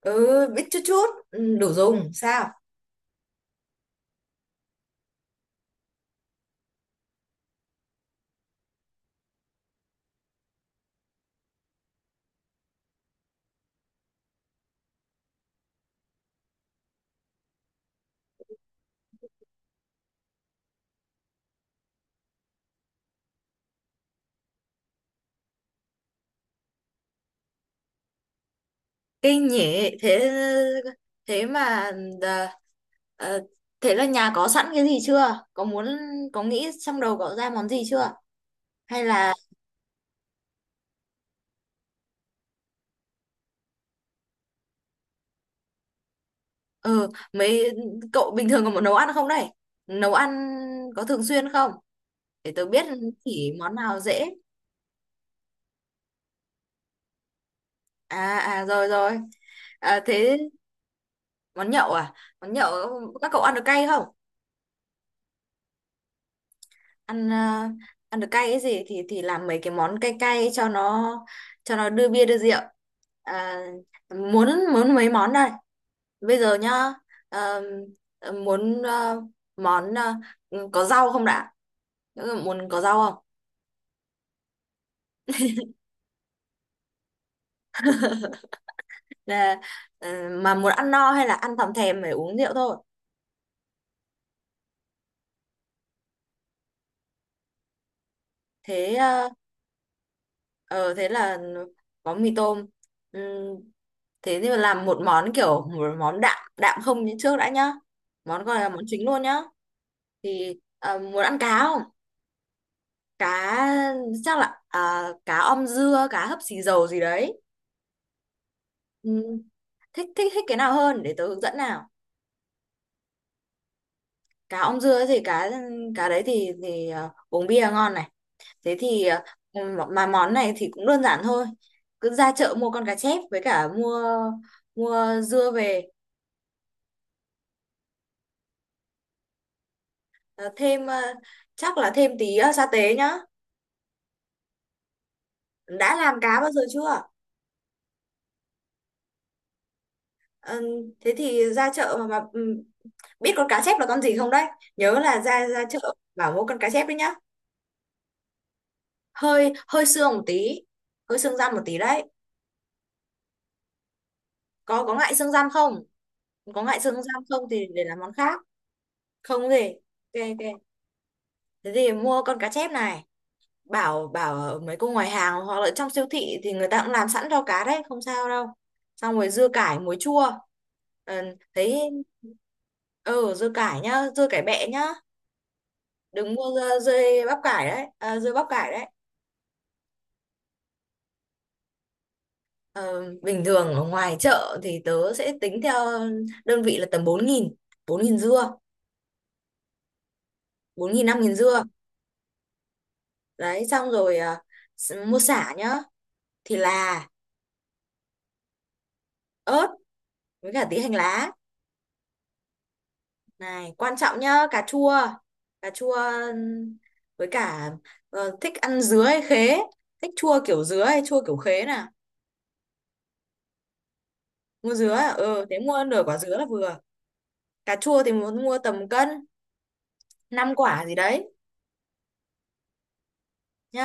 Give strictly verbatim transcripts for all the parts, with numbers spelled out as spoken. Ừ. Biết chút chút. Ừ, đủ dùng sao. Kinh nhỉ. Thế thế mà. À, à, thế là nhà có sẵn cái gì chưa, có muốn... có nghĩ trong đầu cậu ra món gì chưa, hay là? Ờ, mấy cậu bình thường có muốn nấu ăn không đây? Nấu ăn có thường xuyên không, để tớ biết? Chỉ món nào dễ. À à, rồi rồi. À, thế... Món nhậu à? Món nhậu. Các cậu ăn được cay không? Ăn ờ, ăn được cay cái gì thì thì làm mấy cái món cay cay cho nó, cho nó đưa bia đưa rượu. À, muốn muốn mấy món đây, bây giờ nhá? Ờ, muốn ờ, món ờ, có rau không đã? Ừ, muốn có rau không? Là ờ, mà muốn ăn no hay là ăn thòm thèm phải uống rượu thôi? Thế ờ, ờ, thế là có mì tôm. Ừm, thế thì làm một món kiểu một món đạm đạm không như trước đã nhá, món gọi là món chính luôn nhá. Thì à, muốn ăn cá không? Cá, chắc là à, cá om dưa, cá hấp xì dầu gì đấy. Ừ. Thích thích thích cái nào hơn để tớ hướng dẫn nào? Cá om dưa thì cá cá đấy thì thì à, uống bia ngon này. Thế thì à, mà món này thì cũng đơn giản thôi, cứ ra chợ mua con cá chép với cả mua mua dưa về. À, thêm à, chắc là thêm tí à, sa tế nhá. Đã làm cá bao giờ chưa? Ờ, thế thì ra chợ mà, mà ừ, biết con cá chép là con gì không đấy? Nhớ là ra ra chợ bảo mua con cá chép đấy nhá. Hơi hơi xương một tí, hơi xương răm một tí đấy. Có có ngại xương răm không? Có ngại xương răm không thì để làm món khác. Không gì. Ok ok, thế thì mua con cá chép này. Bảo bảo ở mấy cô ngoài hàng hoặc là trong siêu thị thì người ta cũng làm sẵn cho, cá đấy không sao đâu. Xong rồi dưa cải muối chua. Ờ, thấy ừ, dưa cải nhá, dưa cải bẹ nhá, đừng mua ra dưa bắp cải đấy, à, dưa bắp cải đấy. Ờ, bình thường ở ngoài chợ thì tớ sẽ tính theo đơn vị là tầm bốn nghìn, bốn nghìn dưa, bốn nghìn năm nghìn dưa đấy. Xong rồi à, s- mua sả nhá, thì là, ớt, với cả tí hành lá. Này quan trọng nhá, cà chua. Cà chua với cả ờ, thích ăn dứa hay khế? Thích chua kiểu dứa hay chua kiểu khế nè? Mua dứa à? Ừ, thế mua nửa quả dứa là vừa. Cà chua thì muốn mua tầm cân, năm quả gì đấy nhá.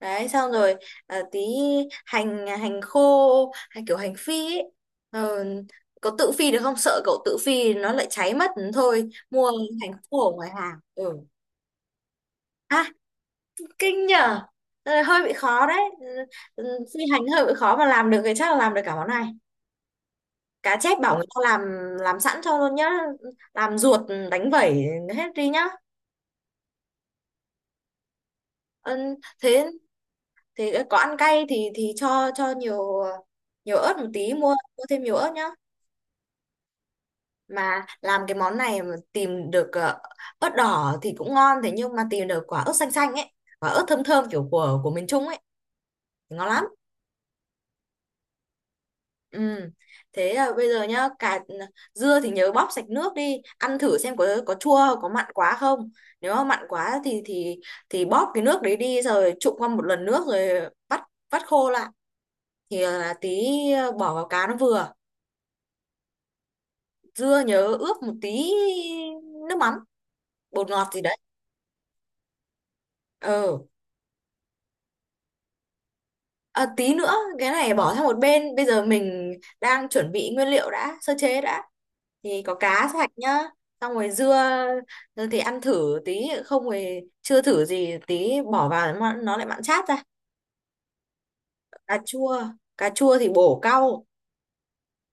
Đấy, xong rồi à, tí hành, hành khô hay kiểu hành phi ấy? Ờ, có tự phi được không, sợ cậu tự phi nó lại cháy mất thôi mua hành khô ở ngoài hàng ừ. À, kinh nhở. Ờ, hơi bị khó đấy. Ừ, ừ, phi hành hơi bị khó mà làm được thì chắc là làm được cả món này. Cá chép bảo người ta làm làm sẵn cho luôn nhá, làm ruột, đánh vẩy hết đi nhá. Ừ, thế thế ờ, có ăn cay thì thì cho cho nhiều, nhiều ớt một tí, mua mua thêm nhiều ớt nhá. Mà làm cái món này mà tìm được ờ, ớt đỏ thì cũng ngon, thế nhưng mà tìm được quả ớt xanh xanh ấy, quả ớt thơm thơm kiểu của của miền Trung ấy thì ngon lắm. Ừ. Thế ờ, bây giờ nhá, cà ừ, dưa thì nhớ bóp sạch nước đi, ăn thử xem có có chua có mặn quá không. Nếu mà mặn quá thì thì thì bóp cái nước đấy đi rồi trụng qua một lần nước rồi vắt vắt khô lại thì ờ, là tí ờ, bỏ vào cá nó vừa. Dưa nhớ ướp một tí nước mắm, bột ngọt gì đấy. Ừ. À, tí nữa cái này bỏ sang một bên, bây giờ mình đang chuẩn bị nguyên liệu đã, sơ chế đã, thì có cá sạch nhá. Xong rồi dưa dưa thì ăn thử tí không rồi chưa thử gì, tí bỏ vào nó nó lại mặn chát ra. Cà chua cà chua thì bổ cau,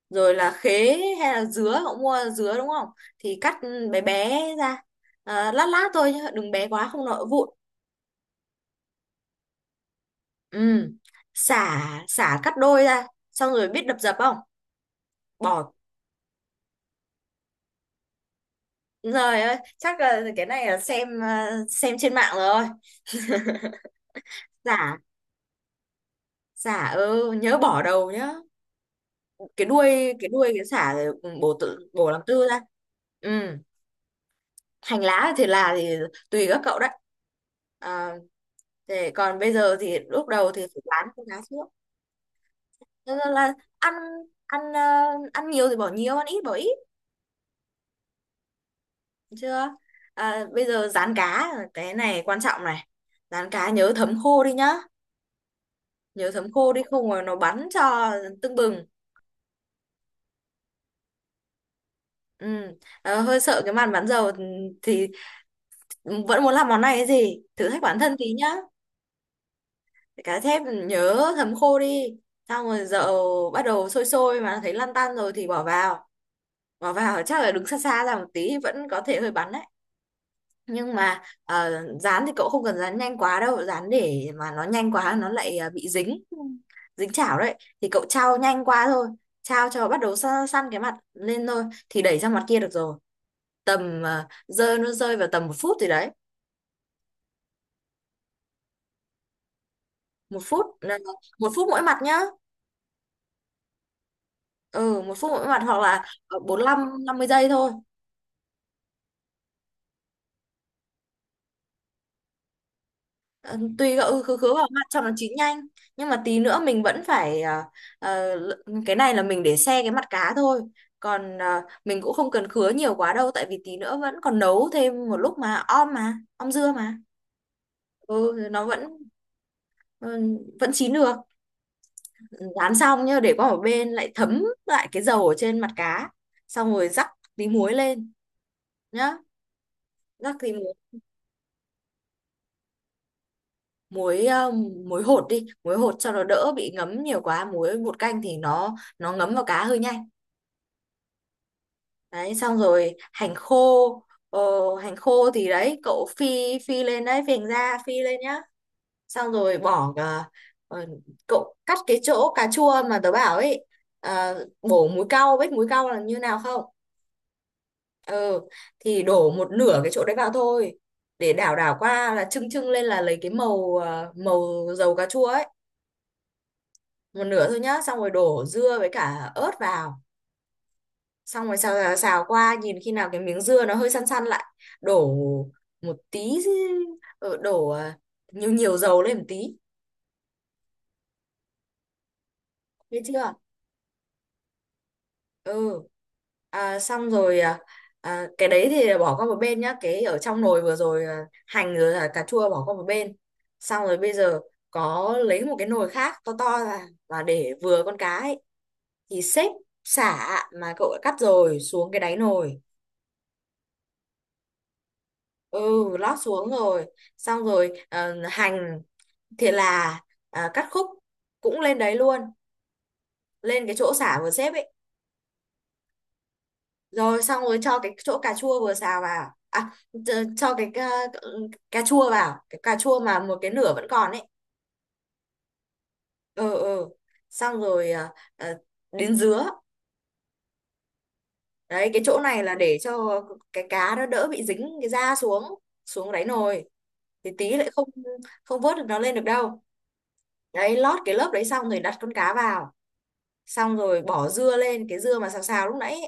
rồi là khế hay là dứa, cậu mua dứa đúng không, thì cắt bé bé ra, à, lát lát thôi nhá, đừng bé quá không nó vụn. Ừ. xả xả cắt đôi ra, xong rồi biết đập dập không, bỏ. Rồi ơi, chắc là cái này là xem ờ, xem trên mạng rồi. Giả, giả ừ, nhớ bỏ đầu nhá. Cái đuôi, cái đuôi cái xả rồi ừ, bổ tự bổ làm tư ra. Ừ, hành lá thì là thì tùy các cậu đấy. À, thế còn bây giờ thì lúc đầu thì phải bán cái lá trước. Thế nên là ăn, ăn ờ, ăn nhiều thì bỏ nhiều, ăn ít bỏ ít, được chưa? À, bây giờ rán cá, cái này quan trọng này. Rán cá nhớ thấm khô đi nhá, nhớ thấm khô đi không mà nó bắn cho tưng bừng. Ừ. Ờ, hơi sợ cái màn bắn dầu thì vẫn muốn làm món này, cái gì thử thách bản thân tí nhá. Cá chép nhớ thấm khô đi, xong rồi dầu bắt đầu sôi sôi mà thấy lăn tăn rồi thì bỏ vào bỏ vào chắc là đứng xa xa ra một tí, vẫn có thể hơi bắn đấy, nhưng mà ờ, dán thì cậu không cần dán nhanh quá đâu, dán để mà nó nhanh quá nó lại ờ, bị dính, dính chảo đấy, thì cậu trao nhanh qua thôi, trao cho bắt đầu săn, săn cái mặt lên thôi thì đẩy sang mặt kia được rồi, tầm ờ, rơi nó rơi vào tầm một phút gì đấy, một phút ờ, một phút mỗi mặt nhá. Ừ, một phút mỗi mặt hoặc là ờ, bốn lăm năm mươi giây thôi. Ờ, tùy cậu, ừ, khứ khứ vào mặt cho nó chín nhanh, nhưng mà tí nữa mình vẫn phải ờ, ờ, l- cái này là mình để xe cái mặt cá thôi, còn ờ, mình cũng không cần khứa nhiều quá đâu, tại vì tí nữa vẫn còn nấu thêm một lúc mà om, mà om dưa mà. Ừ, nó vẫn ừ, vẫn chín được. Rán xong nhá, để qua một bên lại thấm lại cái dầu ở trên mặt cá, xong rồi rắc tí muối lên nhá, rắc tí muối. Muối ờ, muối hột đi, muối hột cho nó đỡ bị ngấm nhiều quá, muối bột canh thì nó nó ngấm vào cá hơi nhanh. Đấy, xong rồi hành khô ờ, hành khô thì đấy cậu phi, phi lên đấy phình ra phi lên nhá. Xong rồi bỏ ờ, ờ, cậu cắt cái chỗ cà chua mà tớ bảo ấy, ờ, bổ múi cau, biết múi cau là như nào không. Ừ, thì đổ một nửa cái chỗ đấy vào thôi, để đảo đảo qua là trưng trưng lên là lấy cái màu ờ, màu dầu cà chua ấy. Một nửa thôi nhá, xong rồi đổ dưa với cả ớt vào, xong rồi xào xào, xào qua, nhìn khi nào cái miếng dưa nó hơi săn săn lại đổ một tí ờ, đổ à, nhiều nhiều dầu lên một tí. Biết chưa? Ừ. À, xong rồi à, à, cái đấy thì bỏ qua một bên nhá, cái ở trong nồi vừa rồi à, hành rồi là cà chua bỏ qua một bên, xong rồi bây giờ có lấy một cái nồi khác to to ra và để vừa con cá ấy, thì xếp sả mà cậu đã cắt rồi xuống cái đáy nồi. Ừ, lót xuống rồi, xong rồi ờ, hành, thì là, à, cắt khúc cũng lên đấy luôn, lên cái chỗ sả vừa xếp ấy, rồi xong rồi cho cái chỗ cà chua vừa xào vào, à ch- cho cái cà, cà chua vào, cái cà chua mà một cái nửa vẫn còn ấy. Ừ ừ, xong rồi à, à, đến dứa. Đấy cái chỗ này là để cho cái cá nó đỡ bị dính cái da xuống xuống đáy nồi, thì tí lại không, không vớt được nó lên được đâu. Đấy, lót cái lớp đấy xong rồi đặt con cá vào, xong rồi bỏ dưa lên, cái dưa mà xào xào lúc nãy.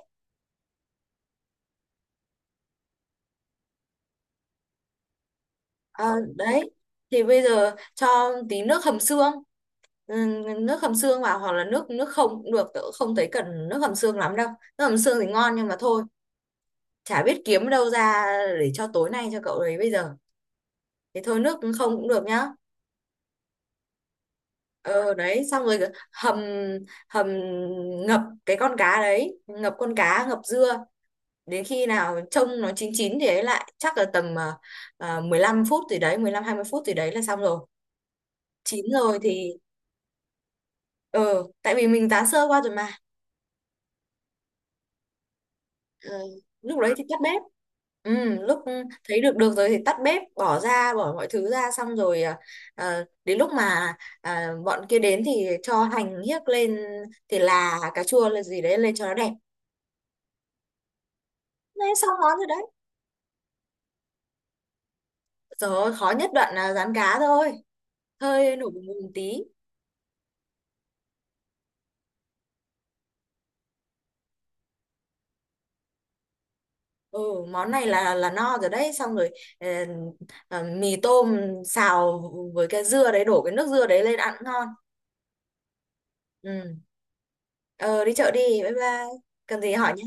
Ờ, đấy thì bây giờ cho tí nước hầm xương, ừ, nước hầm xương vào, hoặc là nước, nước không cũng được, tớ cũng không thấy cần nước hầm xương lắm đâu, nước hầm xương thì ngon nhưng mà thôi, chả biết kiếm đâu ra để cho tối nay cho cậu đấy, bây giờ thì thôi nước không cũng được nhá. Ờ đấy, xong rồi hầm, hầm ngập cái con cá đấy, ngập con cá ngập dưa, đến khi nào trông nó chín chín thì ấy lại chắc là tầm à, à, mười lăm phút gì đấy, mười lăm hai mươi phút gì đấy là xong rồi. Chín rồi thì, ờ tại vì mình tá sơ qua rồi mà. Ờ, lúc đấy thì tắt bếp, ừ, lúc thấy được được rồi thì tắt bếp bỏ ra, bỏ mọi thứ ra, xong rồi à, à, đến lúc mà à, bọn kia đến thì cho hành hiếc lên, thì là, cà chua là gì đấy lên cho nó đẹp. Đấy xong món rồi đấy. Rồi khó nhất đoạn là rán cá thôi, hơi nổi bùng bùng tí. Ừ. Món này là là no rồi đấy, xong rồi ờ, ờ, mì tôm xào với cái dưa đấy, đổ cái nước dưa đấy lên ăn cũng ngon. Ừ. Ờ đi chợ đi, bye bye. Cần gì hỏi nhé.